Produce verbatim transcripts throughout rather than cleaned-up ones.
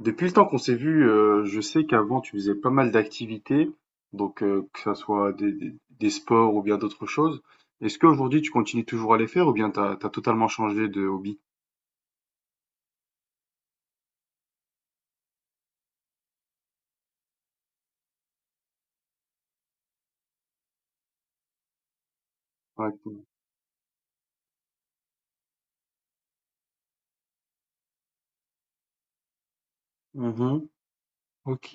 Depuis le temps qu'on s'est vu, euh, je sais qu'avant tu faisais pas mal d'activités, donc euh, que ça soit des, des- des sports ou bien d'autres choses. Est-ce qu'aujourd'hui tu continues toujours à les faire ou bien t'as, t'as totalement changé de hobby? Ouais, cool. Mhm. Ok.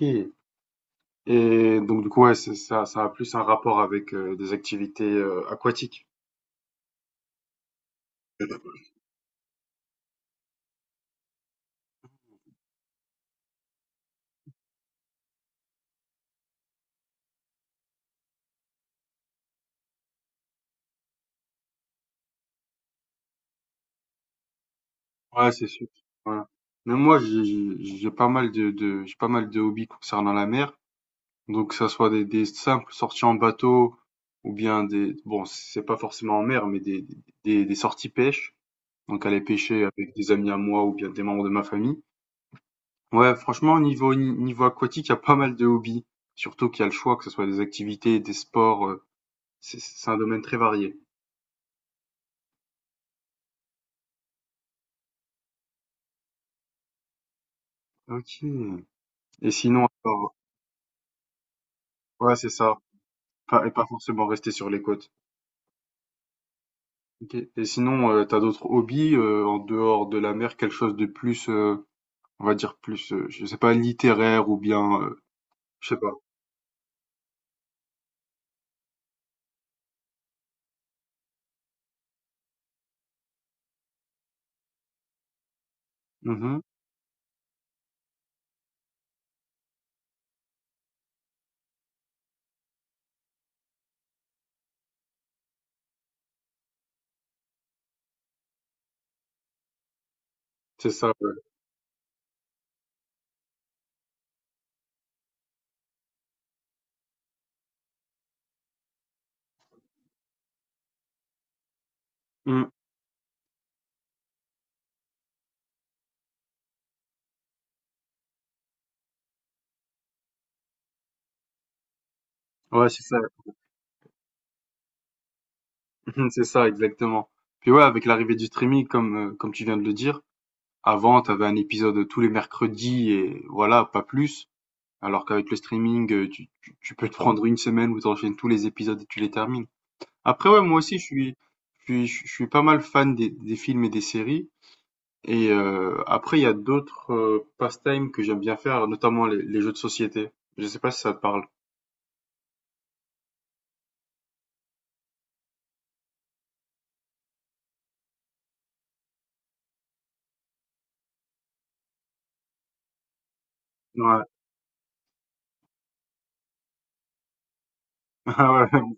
Et donc du coup ouais, c'est- ça, ça a plus un rapport avec euh, des activités euh, aquatiques. Ouais, c'est sûr. Voilà. Même moi, j'ai j'ai- j'ai pas mal de, de- j'ai pas mal de hobbies concernant la mer. Donc, que ça soit des, des simples sorties en bateau ou bien des, bon, c'est pas forcément en mer, mais des, des, des sorties pêche. Donc, aller pêcher avec des amis à moi ou bien des membres de ma famille. Ouais, franchement, niveau, niveau aquatique, il y a pas mal de hobbies. Surtout qu'il y a le choix, que ce soit des activités, des sports. euh, C'est c'est un domaine très varié. Ok. Et sinon, alors, ouais, c'est ça. Pas, et pas forcément rester sur les côtes. Ok. Et sinon, euh, t'as d'autres hobbies euh, en dehors de la mer, quelque chose de plus euh, on va dire plus, heu, je sais pas, littéraire ou bien, heu, je sais pas. Mmh. C'est ça, ouais. Mmh. Ouais, c'est ça. C'est ça, exactement. Puis ouais, avec l'arrivée du streaming, comme, heu, comme tu viens de le dire, avant, tu avais un épisode tous les mercredis et voilà, pas plus. Alors qu'avec le streaming, heu, tu tu tu peux te prendre une semaine où tu enchaînes tous les épisodes et tu les termines. Après ouais, moi aussi je suis je suis je suis pas mal fan des des films et des séries. Et euh, après, il y a d'autres euh, pastimes que j'aime bien faire, notamment les, les jeux de société. Je sais pas si ça te parle. Ouais. Ah ouais,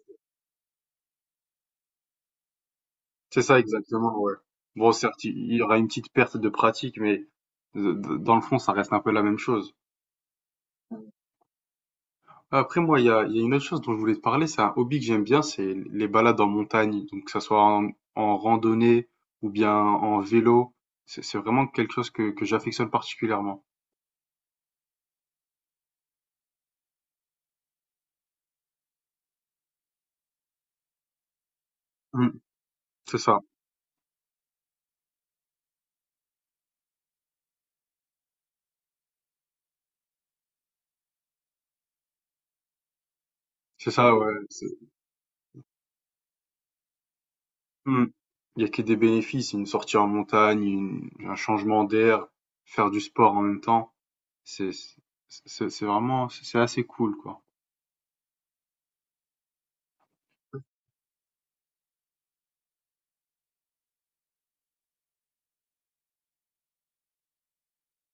c'est ça exactement, ouais. Bon, certes, il il y aura une petite perte de pratique, mais d- d- dans le fond, ça reste un peu la même chose. Après, moi, il y a, il y a une autre chose dont je voulais te parler, c'est un hobby que j'aime bien, c'est les balades en montagne. Donc, que ça soit en, en randonnée ou bien en vélo, c'est c'est vraiment quelque chose que, que j'affectionne particulièrement. Mm, c'est ça, c'est ça, ouais. Mmh. Il y a que des bénéfices, une sortie en montagne, une un changement d'air, faire du sport en même temps, c'est c'est c'est c'est vraiment c'est c'est assez cool, quoi.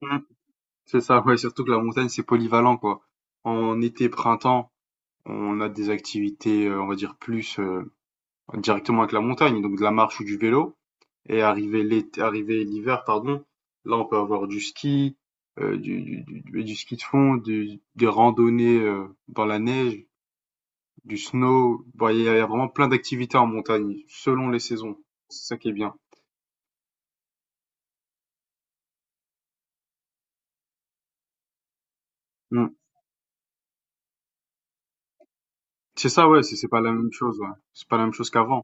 Mmh. C'est ça, ouais, surtout que la montagne, c'est polyvalent, quoi. En été, printemps, on a des activités, heu, on va dire plus, heu, directement avec la montagne, donc de la marche ou du vélo et arrivé l'été arrivé l'hiver, pardon, là, on peut avoir du ski, heu, du du du du ski de fond, du des randonnées, heu, dans la neige, du snow. Bon, il y, a il y a vraiment plein d'activités en montagne, selon les saisons. C'est ça qui est bien. Mm. C'est ça, ouais, c'est c'est pas la même chose, ouais. C'est pas la même chose qu'avant.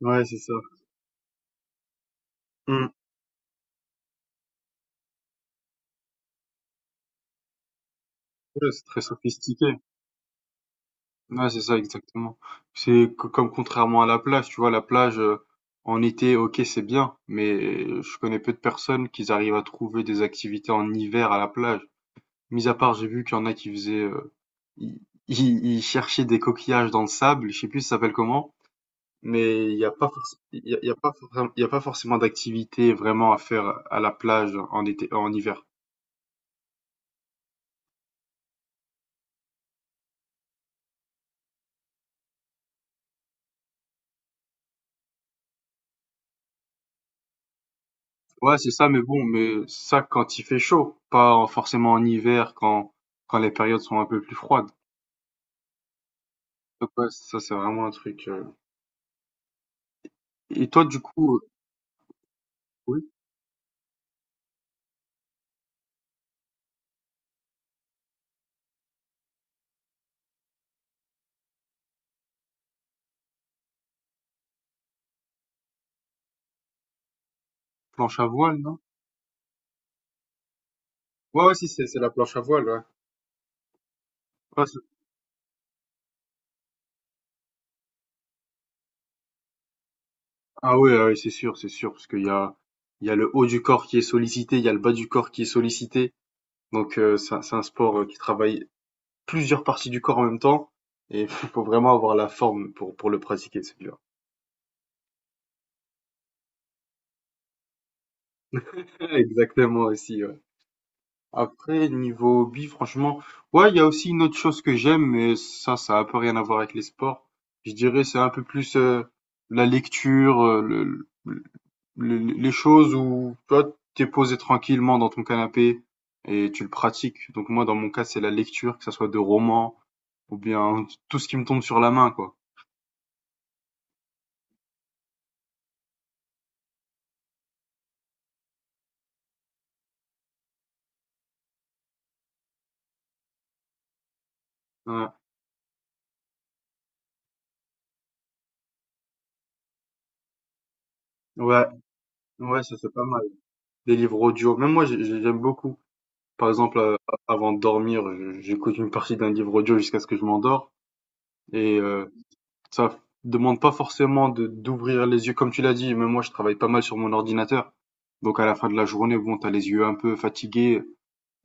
Ouais, c'est ça. Mm. Ouais, c'est très sophistiqué. Ouais, c'est ça, exactement. C'est co- comme contrairement à la plage, tu vois, la plage, euh, en été, ok, c'est bien, mais je connais peu de personnes qui arrivent à trouver des activités en hiver à la plage. Mis à part, j'ai vu qu'il y en a qui faisaient, euh, ils ils- ils cherchaient des coquillages dans le sable, je sais plus ça s'appelle comment. Mais il n'y a pas forc- il y a, il y a pas forc- il y a pas forcément d'activité vraiment à faire à la plage en été, en hiver. Ouais, c'est ça, mais bon, mais ça quand il fait chaud, pas en- forcément en hiver quand quand les périodes sont un peu plus froides. Donc ouais, ça c'est vraiment un truc. euh. Et toi, du coup, euh, oui, planche à voile, non? Ouais, ouais, si c'est c'est la planche à voile, ouais. Ouais, c'est- ah ouais, ah ouais, c'est sûr, c'est sûr, parce qu'il y a il y a le haut du corps qui est sollicité, il y a le bas du corps qui est sollicité. Donc euh, c'est un c'est un sport euh, qui travaille plusieurs parties du corps en même temps et il faut vraiment avoir la forme pour, pour le pratiquer, celui-là. Exactement aussi, ouais. Après, niveau hobby, franchement, ouais, il y a aussi une autre chose que j'aime, mais ça, ça a un peu rien à voir avec les sports. Je dirais, c'est un peu plus euh, la lecture, euh, le, le- le- les choses où toi, t'es posé tranquillement dans ton canapé et tu le pratiques. Donc moi, dans mon cas, c'est la lecture, que ça soit de romans ou bien tout ce qui me tombe sur la main, quoi. Ouais, ouais, ouais, ça c'est pas mal. Des livres audio. Même moi, j'ai- j'aime beaucoup. Par exemple, euh, avant de dormir, je- j'écoute une partie d'un livre audio jusqu'à ce que je m'endors. Et euh, ça f- demande pas forcément de d'ouvrir les yeux, comme tu l'as dit. Même moi, je travaille pas mal sur mon ordinateur. Donc à la fin de la journée, bon, t'as les yeux un peu fatigués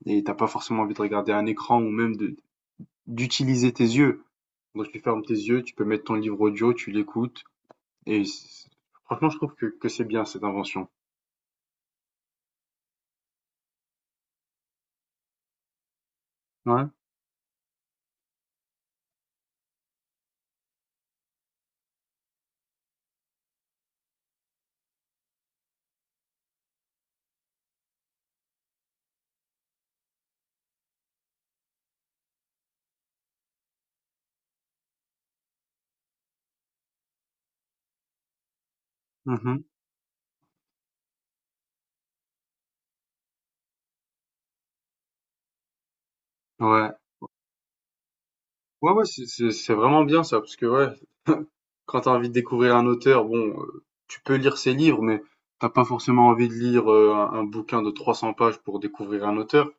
et t'as pas forcément envie de regarder un écran ou même de d'utiliser tes yeux. Donc tu fermes tes yeux, tu peux mettre ton livre audio, tu l'écoutes. Et c'est- franchement, je trouve que, que c'est bien cette invention. Ouais. Mhm. Ouais. Ouais, ouais, c'est c'est- c'est vraiment bien ça, parce que ouais, quand tu as envie de découvrir un auteur, bon, euh, tu peux lire ses livres, mais t'as pas forcément envie de lire euh, un, un bouquin de trois cents pages pour découvrir un auteur.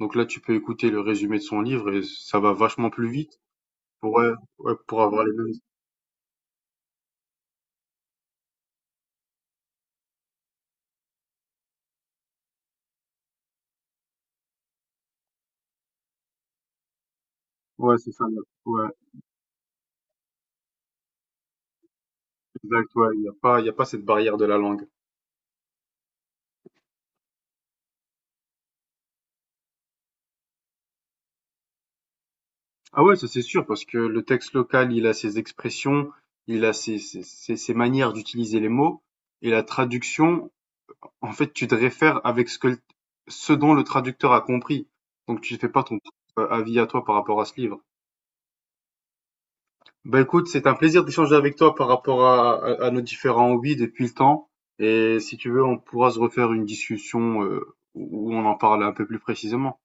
Donc là, tu peux écouter le résumé de son livre et ça va vachement plus vite. Ouais, ouais, pour avoir les mêmes. Ouais, c'est ça. Ouais, exact. Ouais, il n'y a pas, il y a pas cette barrière de la langue. Ah ouais, ça c'est sûr, parce que le texte local, il a ses expressions, il a ses, ses, ses, ses manières d'utiliser les mots, et la traduction, en fait, tu te réfères avec ce que l- ce dont le traducteur a compris. Donc, tu fais pas ton propre avis à toi par rapport à ce livre. Bah écoute, c'est un plaisir d'échanger avec toi par rapport à, à- à nos différents hobbies depuis le temps. Et si tu veux, on pourra se refaire une discussion euh, où on en parle un peu plus précisément.